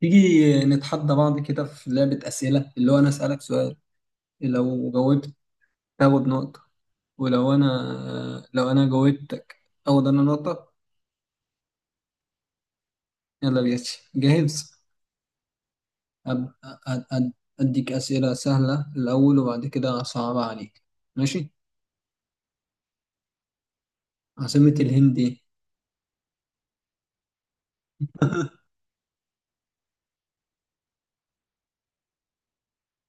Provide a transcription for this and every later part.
تيجي نتحدى بعض كده في لعبة أسئلة اللي هو أنا أسألك سؤال لو جاوبت تاخد نقطة. ولو أنا لو أنا جاوبتك أخد أنا نقطة. يلا بينا، جاهز؟ أب... أ- أ- أديك أسئلة سهلة الأول وبعد كده صعبة عليك. ماشي، عاصمة الهند إيه؟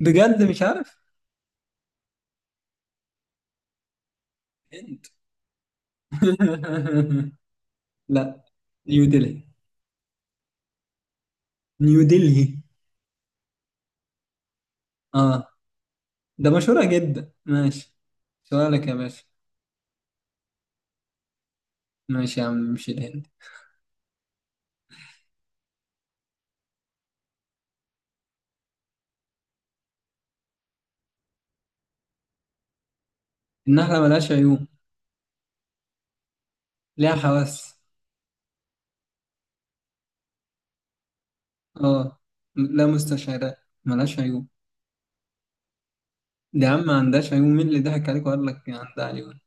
بجد مش عارف. هند؟ لا، نيو دلهي. نيو دلهي، اه، ده مشهورة جدا. ماشي، سؤالك يا باشا. ماشي يا عم، مش الهند. النحلة ملهاش عيون، ليها حواس. اه، لا، مستشعرات، ملهاش عيون. دي يا عم ما عندهاش عيون، مين اللي ضحك عليك وقال لك عندها عيون؟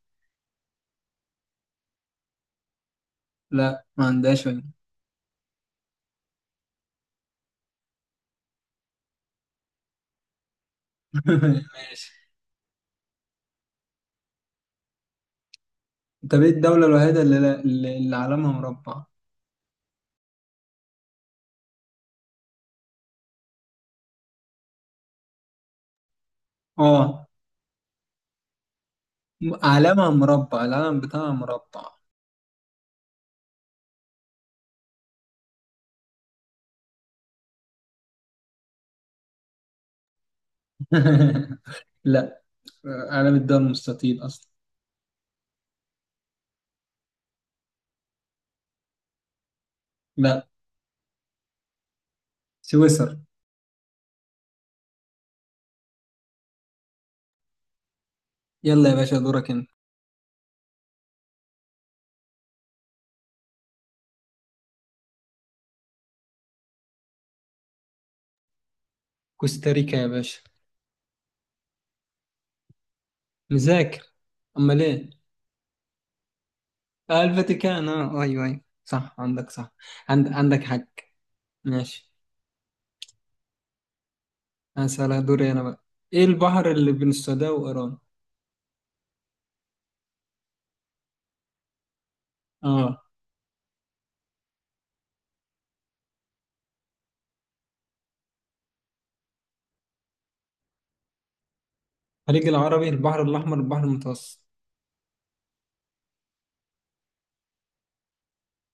لا، ما عندهاش عيون. ماشي، طب ايه الدولة الوحيدة اللي, لا- اللي, اللي علمها مربع؟ اه، علمها مربع، العلم بتاعها مربع. لا، علم الدول مستطيل اصلا. لا، سويسرا. يلا يا باشا دورك انت. كوستاريكا يا باشا. مذاكر، امال ايه؟ آه الفاتيكان، اه ايوه ايوه، صح، عندك صح، عندك حق. ماشي، هسألها دوري انا بقى. ايه البحر اللي بين السوداء وايران؟ اه، الخليج العربي، البحر الاحمر، البحر المتوسط.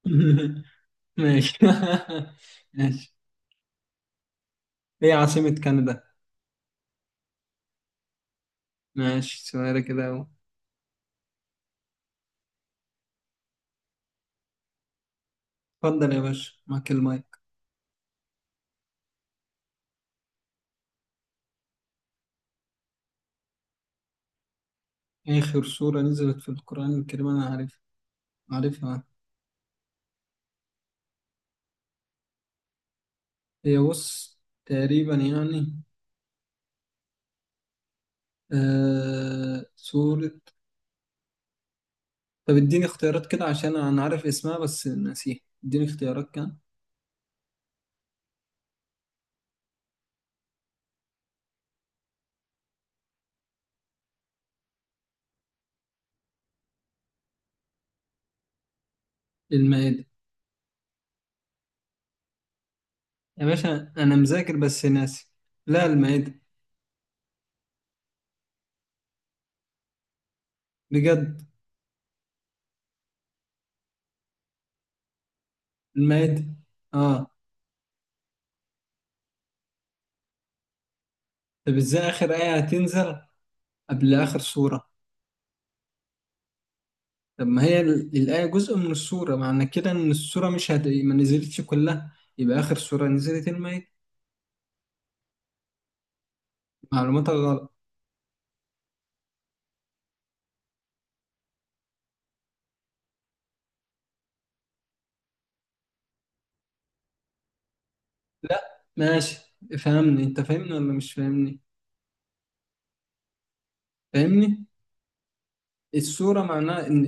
ماشي. ماشي، ايه عاصمة كندا؟ ماشي سؤال كده اهو. اتفضل يا باشا معاك المايك. اخر سورة نزلت في القرآن الكريم، انا عارف، عارفها. هي بص، تقريبا يعني، آه سورة. طب اديني اختيارات كده عشان انا عارف اسمها بس ناسيها، اديني اختيارات كده. المائدة. يا باشا انا مذاكر بس ناسي. لا، المائدة. بجد؟ المائدة، اه. طب ازاي اخر آية هتنزل قبل اخر سورة؟ طب ما هي الآية جزء من السورة، معنى كده ان السورة مش هت... ما نزلتش كلها، يبقى اخر سورة نزلت المائدة. معلوماتك غلط. لا ماشي، فهمني انت، فاهمني ولا مش فاهمني؟ فاهمني، السورة معناها ان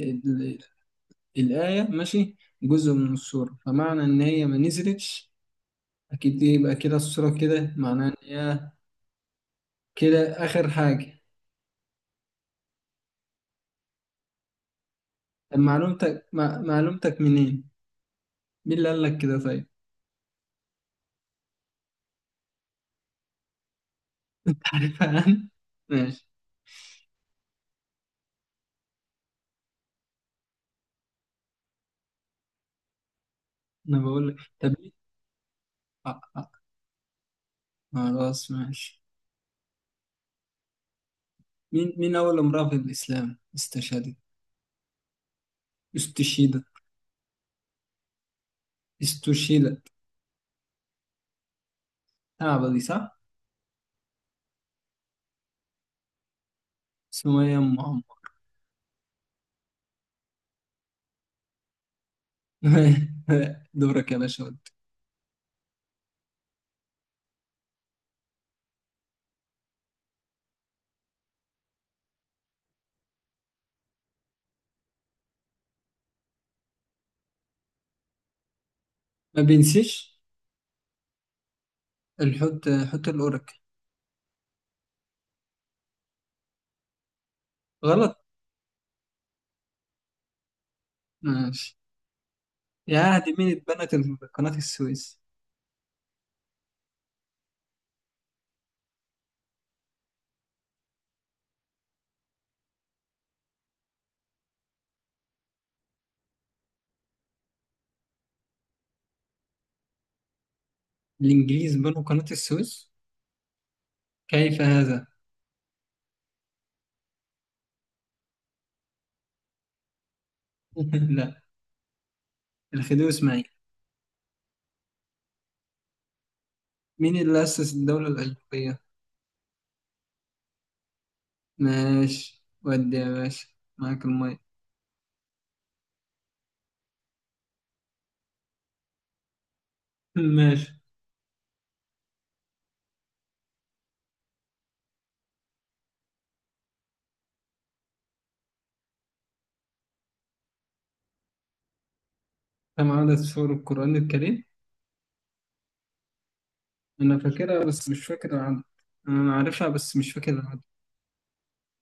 الآية، ماشي، جزء من السورة، فمعنى إن هي ما نزلتش أكيد دي، يبقى كده السورة كده معناها إن هي كده آخر حاجة. طب معلومتك معلومتك منين؟ مين اللي قال لك كده طيب؟ عارفها أنا؟ ماشي، أنا بقول لك طب مين؟ آه، آه، خلاص ماشي. مين أول امرأة في الإسلام استشهدت، استشهدت، استشهدت. صعبة دي صح؟ سمية أم عمرو. دورك يا باشا ود. ما بينسيش، الحوت، حوت الأورك. غلط. ماشي يا عهد، مين اتبنت قناة السويس؟ الإنجليز بنوا قناة السويس؟ كيف هذا؟ لا، الخديوي إسماعيل. مين اللي أسس الدولة الألفية؟ ماشي ودي يا باشا، معاك المية. ماشي، كم عدد سور القرآن الكريم؟ أنا فاكرها بس مش فاكر العدد، أنا عارفها بس مش فاكر العدد.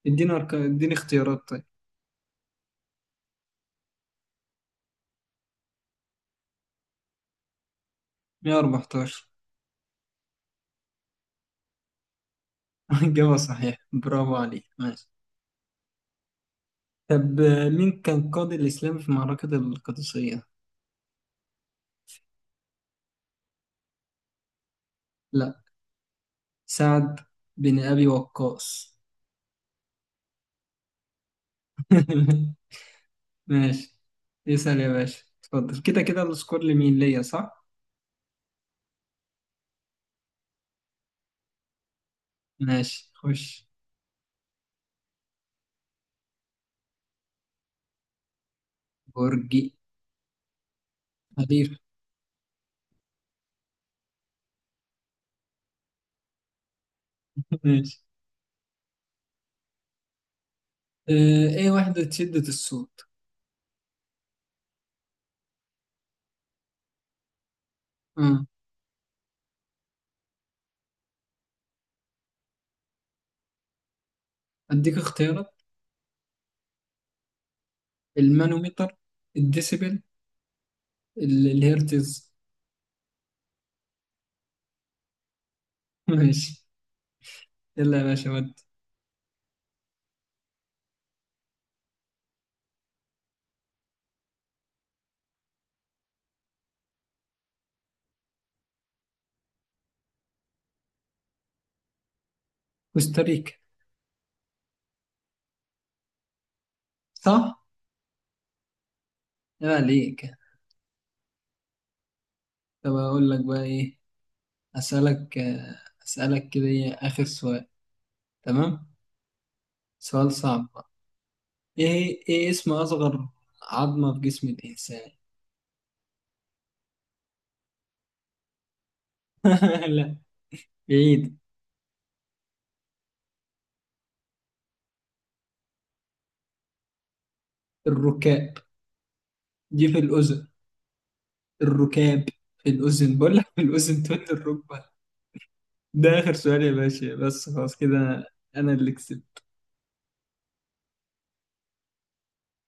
اديني اختيارات طيب. 114. إجابة صحيحة. برافو عليك، ماشي. طب مين كان قاضي الإسلام في معركة القادسية؟ لا، سعد بن أبي وقاص. ماشي، اسأل يا باشا اتفضل، كده كده السكور لمين؟ ليا صح؟ ماشي خش. برج خليفة. ماشي. اه، ايه وحدة شدة الصوت؟ اه اديك اختيارات، المانوميتر، الديسيبل، الهرتز. ماشي، يلا يا باشا ودي. كوستاريكا، صح؟ يا عليك. طب اقول لك بقى ايه، اسألك آه، اسألك كده إيه آخر سؤال، تمام؟ سؤال صعب، ايه اسم اصغر عظمة في جسم الانسان؟ لا، بعيد. الركاب، دي في الاذن. الركاب، في الاذن بقول لك، في الاذن تقول لي الركبة. ده اخر سؤال يا باشا بس، خلاص كده انا، أنا اللي كسبت.